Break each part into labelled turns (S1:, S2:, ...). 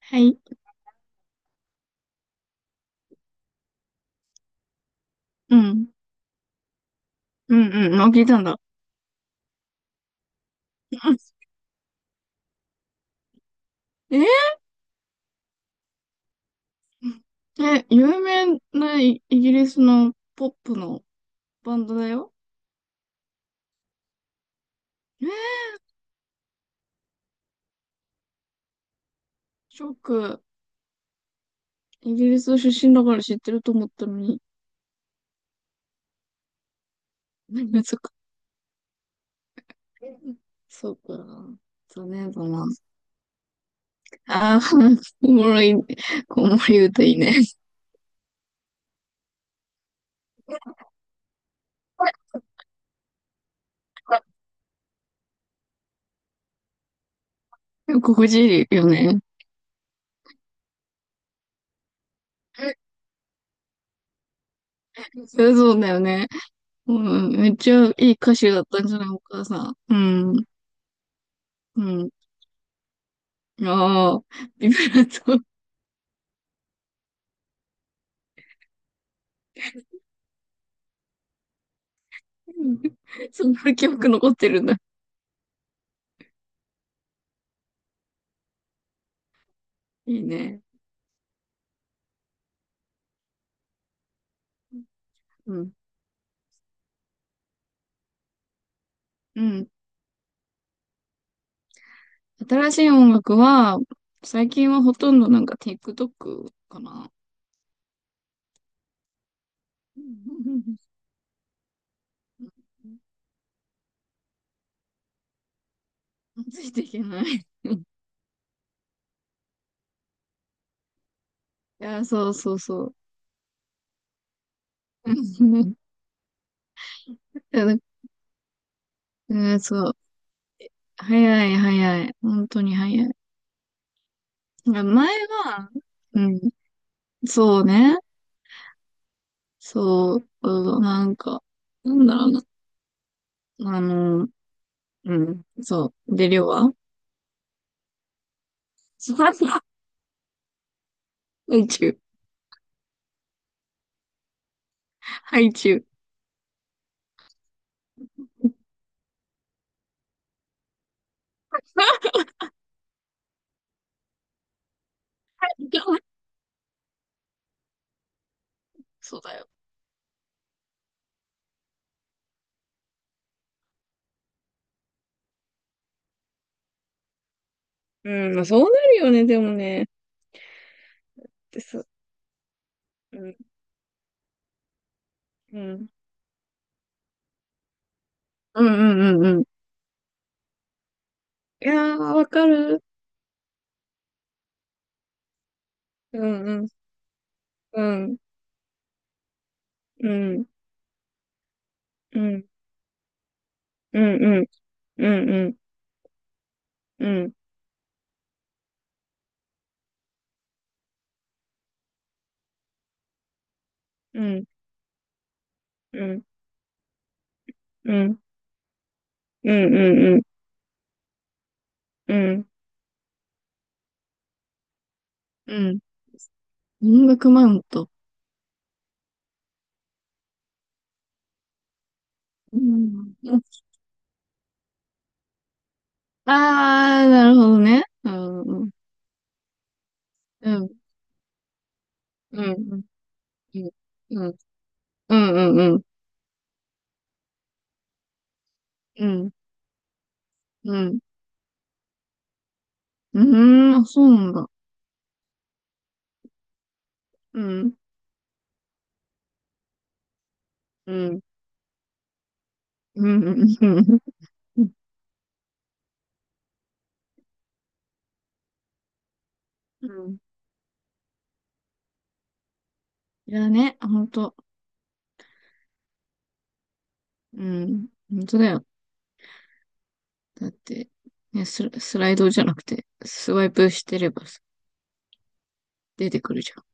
S1: はい。うん。うんうん。あ、聞いたんだ。うんええ、有名なイイギリスのポップのバンドだよ。えー、ショック。イギリス出身だから知ってると思ったのに。難しか。そうか。残念だな。ああ、おもろい、おもろい歌いいね。心地いいよね。そうそうだよね。うん、めっちゃいい歌手だったんじゃないお母さん。うん、うん。ああ、ビブラート。そんな記憶残ってるんだ。いいね。うん。うん。新しい音楽は、最近はほとんどなんか TikTok かな。うんついていけない。いや、そうそうそう。うんいやだうんそう。早い早い。本当に早い。なんか前は、うん、そうね。そう、うんなんか、なんだろうな。うん。そう。で、量はそうだな。ハイチュウ。ハイチュウ。そうだよ。うん、まあ、そうなるよね、でもね。ってさ、うん、うん。うんうんうんうん。いやー、わかる。うん、うん、うん、うん、うん、うん、うん、うん、うん、うん、うん、うん、うん、うん、うん、うん。うん。音楽マウント。うん。あー、なるほどね。うん、うん、うん、うん、うん、うん、うん、うん、うん。うん。うーん、あ、そうなんだ。うん、うん、うん、うん、うん。うんうんいやね、あほんと。うん、ほんとだよ。だって、ね、スラ、スライドじゃなくて、スワイプしてればさ出てくるじゃん。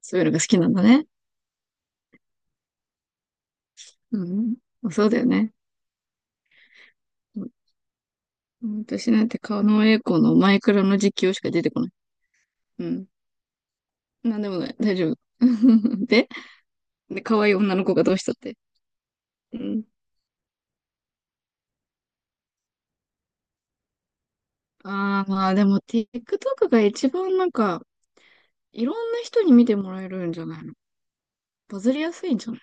S1: そういうのが好きなんだね。うん、あそうだよね。うん私なんて狩野英孝のマイクラの実況しか出てこない。うん。なんでもない。大丈夫。で、で、可愛い女の子がどうしたって。うん。ああ、まあでも TikTok が一番なんか、いろんな人に見てもらえるんじゃないの？バズりやすいんじゃない？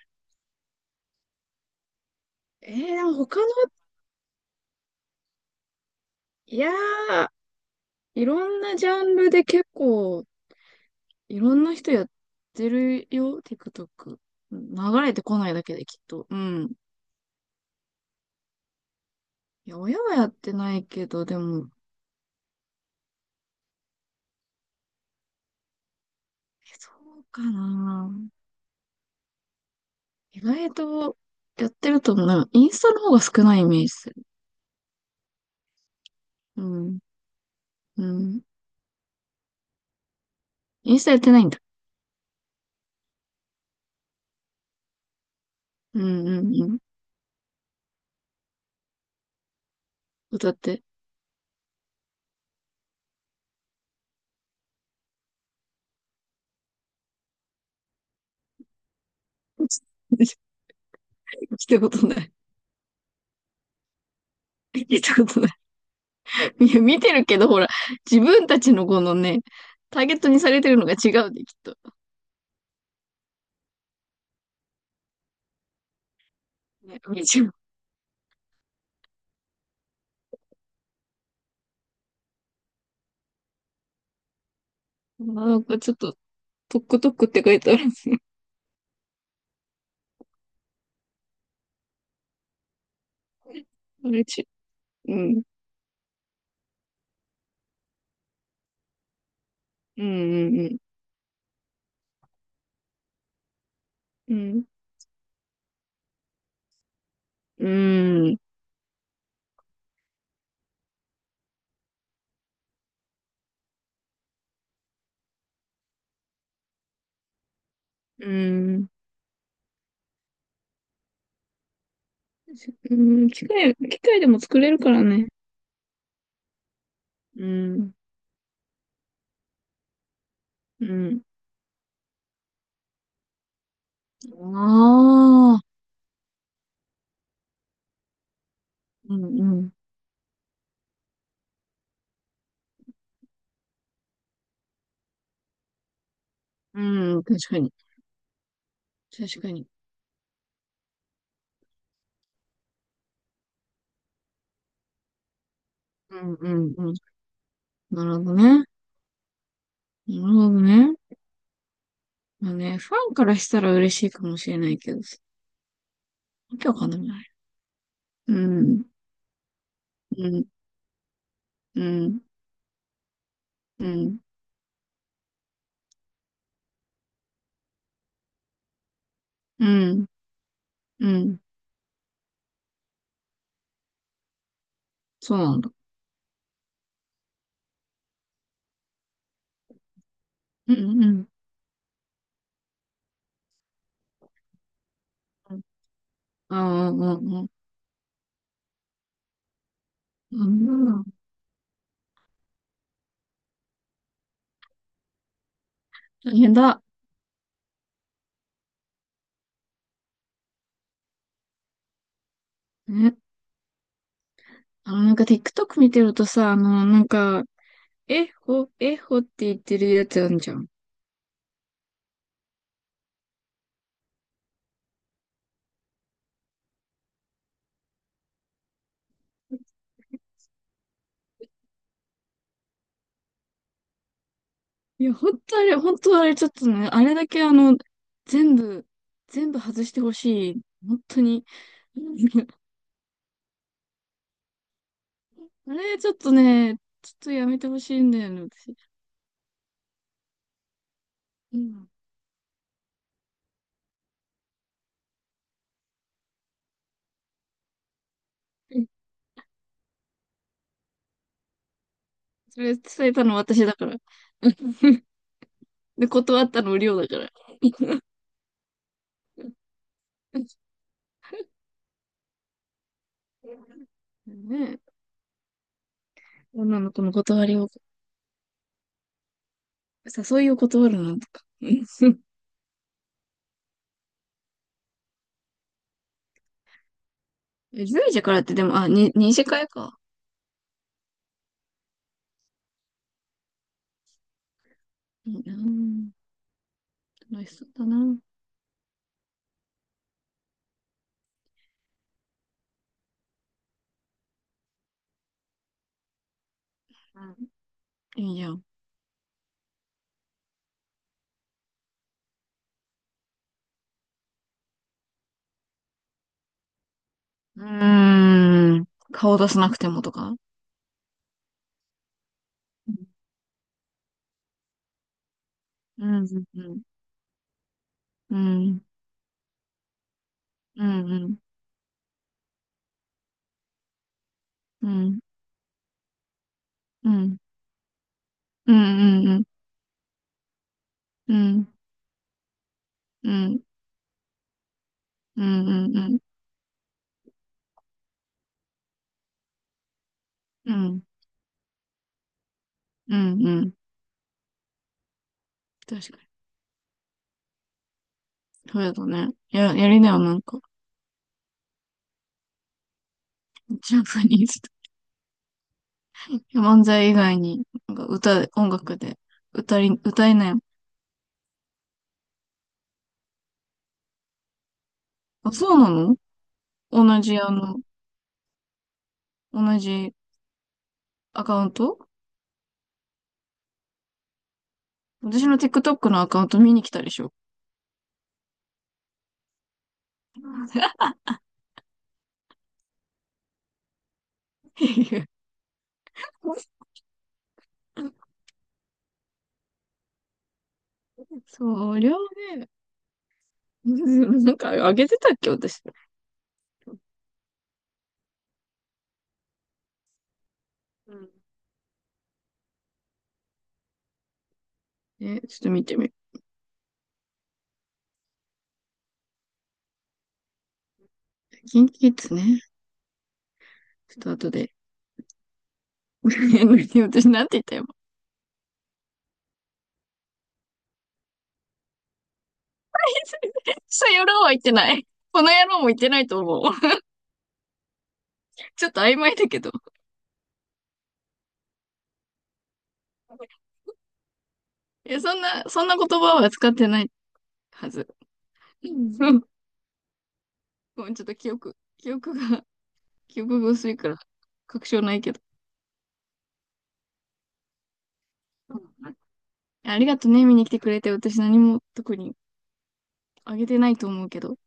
S1: でも他の、いやー、いろんなジャンルで結構、いろんな人やってるよ、TikTok。流れてこないだけできっと。うん。いや、親はやってないけど、でも、え、そうかな。意外とやってると思う。なんかインスタの方が少ないイメージする。うん。うん。インスタやってないんだ。うんうんうん。歌って。聞たことない。聞いたことない。いや、見てるけど、ほら、自分たちのこのね、ターゲットにされてるのが違うんで、きっと。ね、見ちゃう。あーなんかちょっと、トックトックって書いてあるんですね。あれち、うん。うん、うん、うん。うん、うん。うんうん機械、機械でも作れるからね。うん、うん。ああ、うん、うん。うん、確かに。確かに。うん、うん、うん。なるほどね。なるほどね。まあね、ファンからしたら嬉しいかもしれないけど訳わかんない。うん、うん、うん、うん、うん、うん、そうなんだ。うん、うん、うん、うん、うん、うん、うん、大変だ。ね、なんか TikTok 見てるとさ、なんか、えほ、えほって言ってるやつあるじゃん。いや、ほんとあれ、ほんとあれ、ちょっとね、あれだけ全部、全部外してほしい。本当に。あれ、ちょっとね、ちょっとやめてほしいんだよね、私。うん。それ伝えたのは私だから、断ったのは梁だからねえ。女の子の断りを誘いを断るなとかジェイジェイからって、でも…あ、認識会か？楽しそうだなうんいいじゃんうーん顔を出せなくてもとかうん un un un un un un un un un un un un un un un un un un un un un un un un un un un un un un 確かにそうだね。や、やりなよ、なんか。ジャパニーズとか。いや漫才以外に、なんか歌、音楽で、歌い、歌いなよ。あ、そうなの？同じ、同じアカウント？私の TikTok のアカウント見に来たでしょ。そりゃあね、なんかあげてたっけ、私。うんえ、ちょっと見てみる。キンキキッズね。ちょっと後で。私なんて言ったよ。そやろうは言ってない。この野郎も言ってないと思う。ちょっと曖昧だけど。え、そんな、そんな言葉は使ってないはず。うん ごめん、ちょっと記憶が、記憶が薄いから、確証ないけど。うんありがとね、見に来てくれて。私何も特にあげてないと思うけど。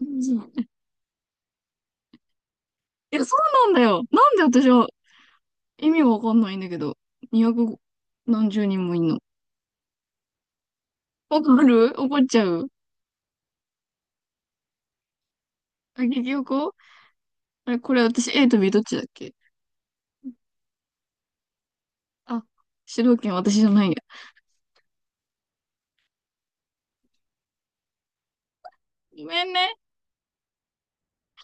S1: うんいや、そうなんだよ。なんで私は意味がわかんないんだけど。200何十人もいんの。わかる怒っちゃう。あ、結局あれ、これ私 A と B どっちだっけ？あ、主導権私じゃないや。ごめんね。